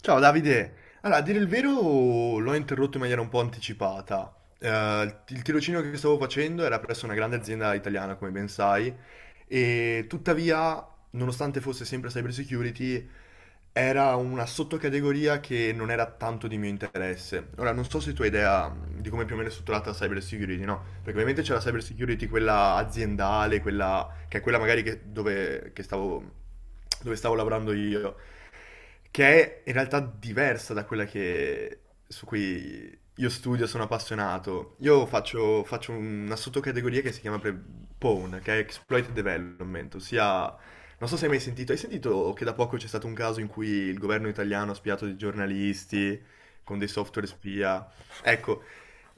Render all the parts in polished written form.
Ciao Davide, allora a dire il vero l'ho interrotto in maniera un po' anticipata. Il tirocinio che stavo facendo era presso una grande azienda italiana, come ben sai, e tuttavia, nonostante fosse sempre cyber security, era una sottocategoria che non era tanto di mio interesse. Ora, non so se tu hai idea di come più o meno è strutturata la cyber security, no? Perché ovviamente c'è la cyber security, quella aziendale, quella che è quella magari dove stavo lavorando io, che è in realtà diversa da quella su cui io studio, sono appassionato. Io faccio una sottocategoria che si chiama POWN, che è Exploit Development, ossia, non so se hai mai sentito, hai sentito che da poco c'è stato un caso in cui il governo italiano ha spiato dei giornalisti con dei software spia? Ecco,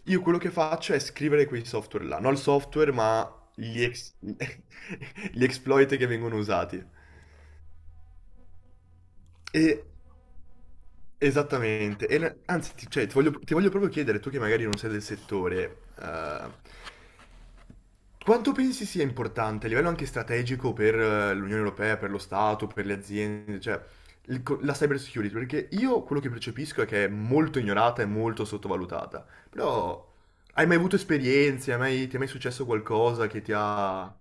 io quello che faccio è scrivere quei software là, non il software, ma gli exploit che vengono usati. E Esattamente, e anzi cioè, ti voglio proprio chiedere, tu che magari non sei del settore, quanto pensi sia importante a livello anche strategico per l'Unione Europea, per lo Stato, per le aziende, cioè la cyber security? Perché io quello che percepisco è che è molto ignorata e molto sottovalutata, però hai mai avuto esperienze, hai mai- ti è mai successo qualcosa che ti ha...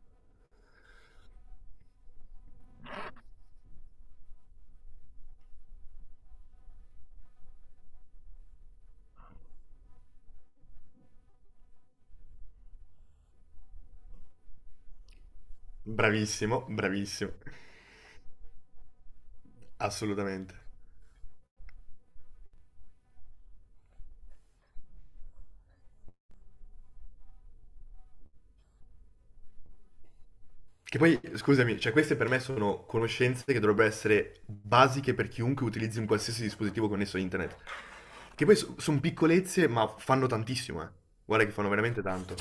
Bravissimo, bravissimo, assolutamente. Che poi, scusami, cioè queste per me sono conoscenze che dovrebbero essere basiche per chiunque utilizzi un qualsiasi dispositivo connesso a internet. Che poi sono piccolezze, ma fanno tantissimo, eh. Guarda che fanno veramente tanto.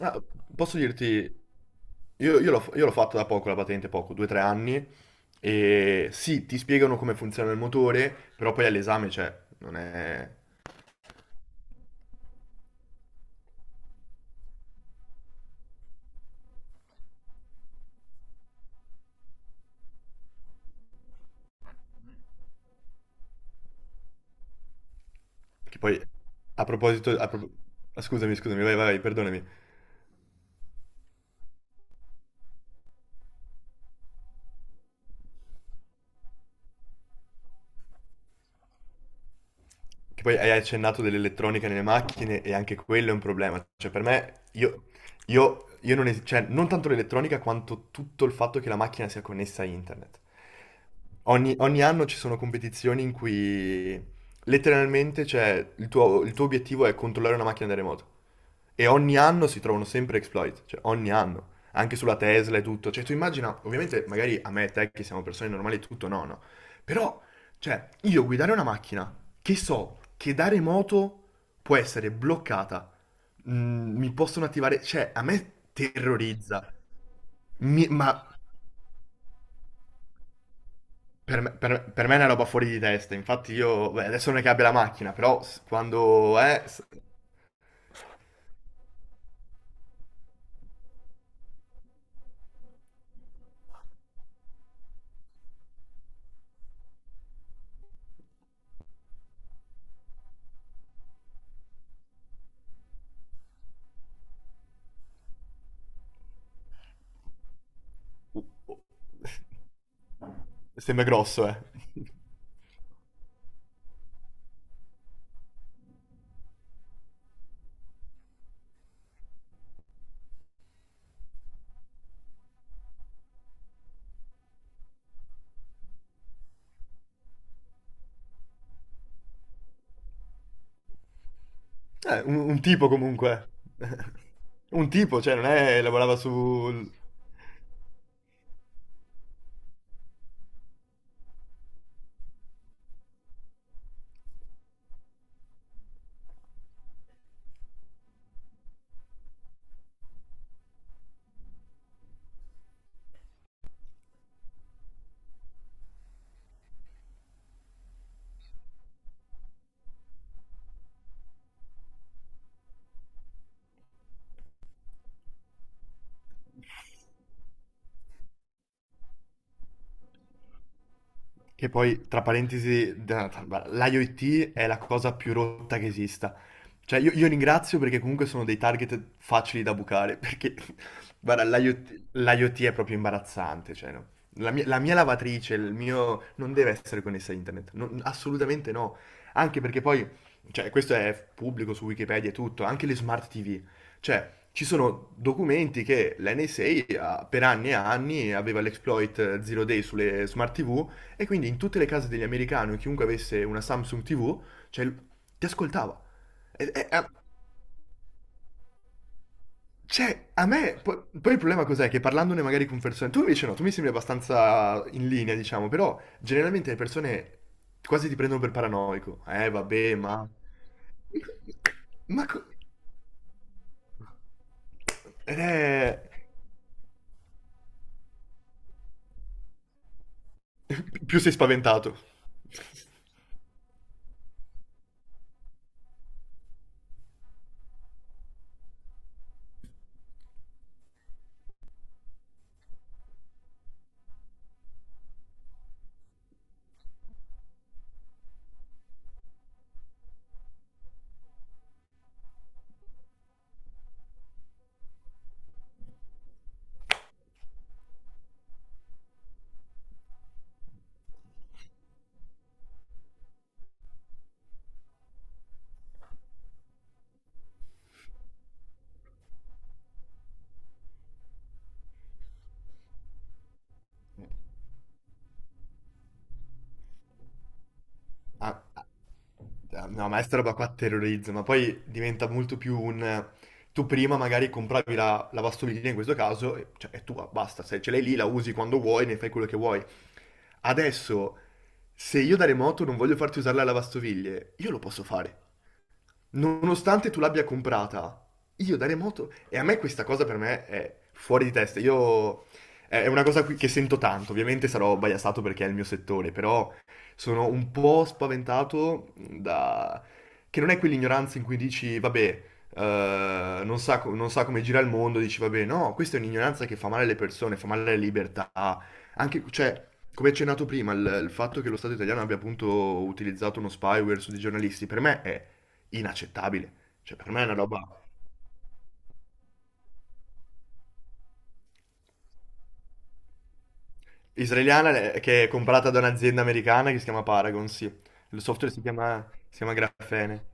Ma posso dirti, io l'ho fatto da poco, la patente poco, 2-3 anni, e sì, ti spiegano come funziona il motore, però poi all'esame, cioè, non è... Che poi, a proposito... a pro- ah, scusami, scusami, vai, vai, vai, perdonami. Che poi hai accennato dell'elettronica nelle macchine e anche quello è un problema. Cioè, per me, io non, cioè, non tanto l'elettronica quanto tutto il fatto che la macchina sia connessa a internet. Ogni anno ci sono competizioni in cui letteralmente, cioè, il tuo obiettivo è controllare una macchina da remoto. E ogni anno si trovano sempre exploit, cioè ogni anno, anche sulla Tesla e tutto. Cioè tu immagina, ovviamente magari a me e te che siamo persone normali e tutto, no, no. Però, cioè, io guidare una macchina che so che da remoto può essere bloccata, mi possono attivare, cioè a me terrorizza. Mi- ma per me è una roba fuori di testa. Infatti, io beh, adesso non è che abbia la macchina, però quando è. Sembra grosso, eh. Un tipo comunque. Un tipo, cioè non è lavorava su... Che poi, tra parentesi, l'IoT è la cosa più rotta che esista. Cioè, io ringrazio perché comunque sono dei target facili da bucare, perché, guarda, l'IoT è proprio imbarazzante, cioè, no. La mia lavatrice, il mio... non deve essere connessa a internet, assolutamente no. Anche perché poi, cioè, questo è pubblico su Wikipedia e tutto, anche le smart TV. Cioè, ci sono documenti che l'NSA per anni e anni aveva l'exploit Zero Day sulle smart TV, e quindi in tutte le case degli americani, chiunque avesse una Samsung TV, cioè, ti ascoltava. E- e- a- cioè, a me, poi il problema cos'è? Che parlandone magari con persone, tu invece no, tu mi sembri abbastanza in linea, diciamo, però generalmente le persone quasi ti prendono per paranoico. Vabbè, ma... Ma... ed è... Più sei spaventato. Ah, ah, no, ma sta roba qua terrorizza, ma poi diventa molto più un... Tu prima magari compravi la lavastoviglie in questo caso, cioè è tua, basta, se ce l'hai lì la usi quando vuoi, ne fai quello che vuoi. Adesso, se io da remoto non voglio farti usare la lavastoviglie, io lo posso fare. Nonostante tu l'abbia comprata, io da remoto... E a me questa cosa per me è fuori di testa. Io... È una cosa che sento tanto, ovviamente sarò biasato perché è il mio settore, però sono un po' spaventato da... che non è quell'ignoranza in cui dici, vabbè, non sa, non sa come gira il mondo, dici, vabbè, no, questa è un'ignoranza che fa male alle persone, fa male alle libertà. Anche, cioè, come accennato prima, il fatto che lo Stato italiano abbia appunto utilizzato uno spyware su dei giornalisti, per me è inaccettabile. Cioè, per me è una roba israeliana, che è comprata da un'azienda americana che si chiama Paragon, sì. Il software si chiama Grafene.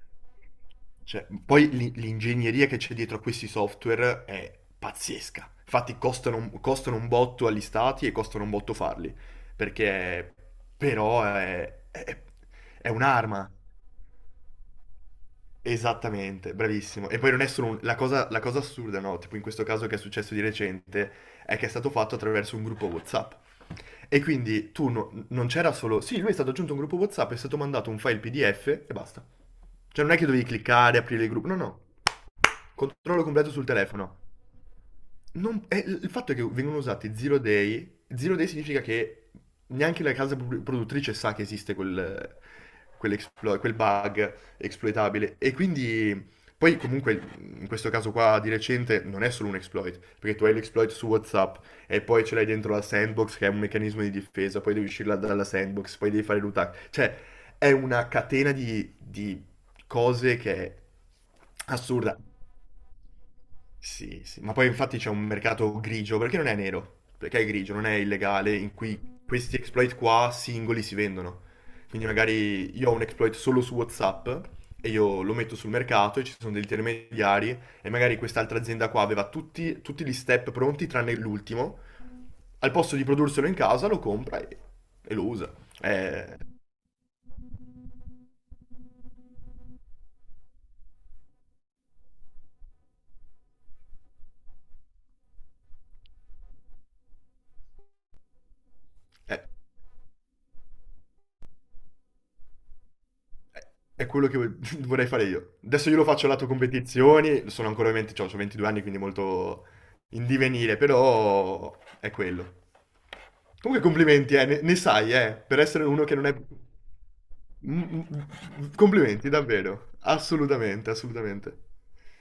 Cioè, poi l'ingegneria che c'è dietro a questi software è pazzesca. Infatti costano, costano un botto agli stati e costano un botto farli, perché però è un'arma. Esattamente, bravissimo. E poi non è solo la cosa, assurda, no? Tipo in questo caso che è successo di recente, è che è stato fatto attraverso un gruppo WhatsApp. E quindi tu non c'era solo... Sì, lui è stato aggiunto a un gruppo WhatsApp, è stato mandato un file PDF e basta. Cioè non è che dovevi cliccare, aprire il gruppo, no, no. Controllo completo sul telefono. Il fatto è che vengono usati zero day. Zero day significa che neanche la casa produttrice sa che esiste quel bug exploitabile. E quindi, poi comunque, in questo caso qua di recente, non è solo un exploit, perché tu hai l'exploit su WhatsApp e poi ce l'hai dentro la sandbox, che è un meccanismo di difesa, poi devi uscirla dalla sandbox, poi devi fare l'UTAC. Cioè, è una catena di cose che è assurda. Sì, sì, ma poi infatti c'è un mercato grigio, perché non è nero, perché è grigio, non è illegale, in cui questi exploit qua singoli si vendono. Quindi magari io ho un exploit solo su WhatsApp e io lo metto sul mercato e ci sono degli intermediari, e magari quest'altra azienda qua aveva tutti gli step pronti tranne l'ultimo, al posto di produrselo in casa lo compra e lo usa. È, è È quello che vorrei fare io. Adesso io lo faccio lato competizioni, sono ancora ovviamente, cioè, ho 22 anni, quindi molto in divenire, però è quello. Comunque complimenti, ne sai, per essere uno che non è... Mm, mm, Complimenti, davvero. Assolutamente, assolutamente.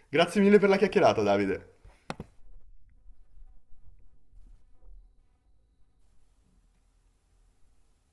Grazie mille per la chiacchierata, Davide.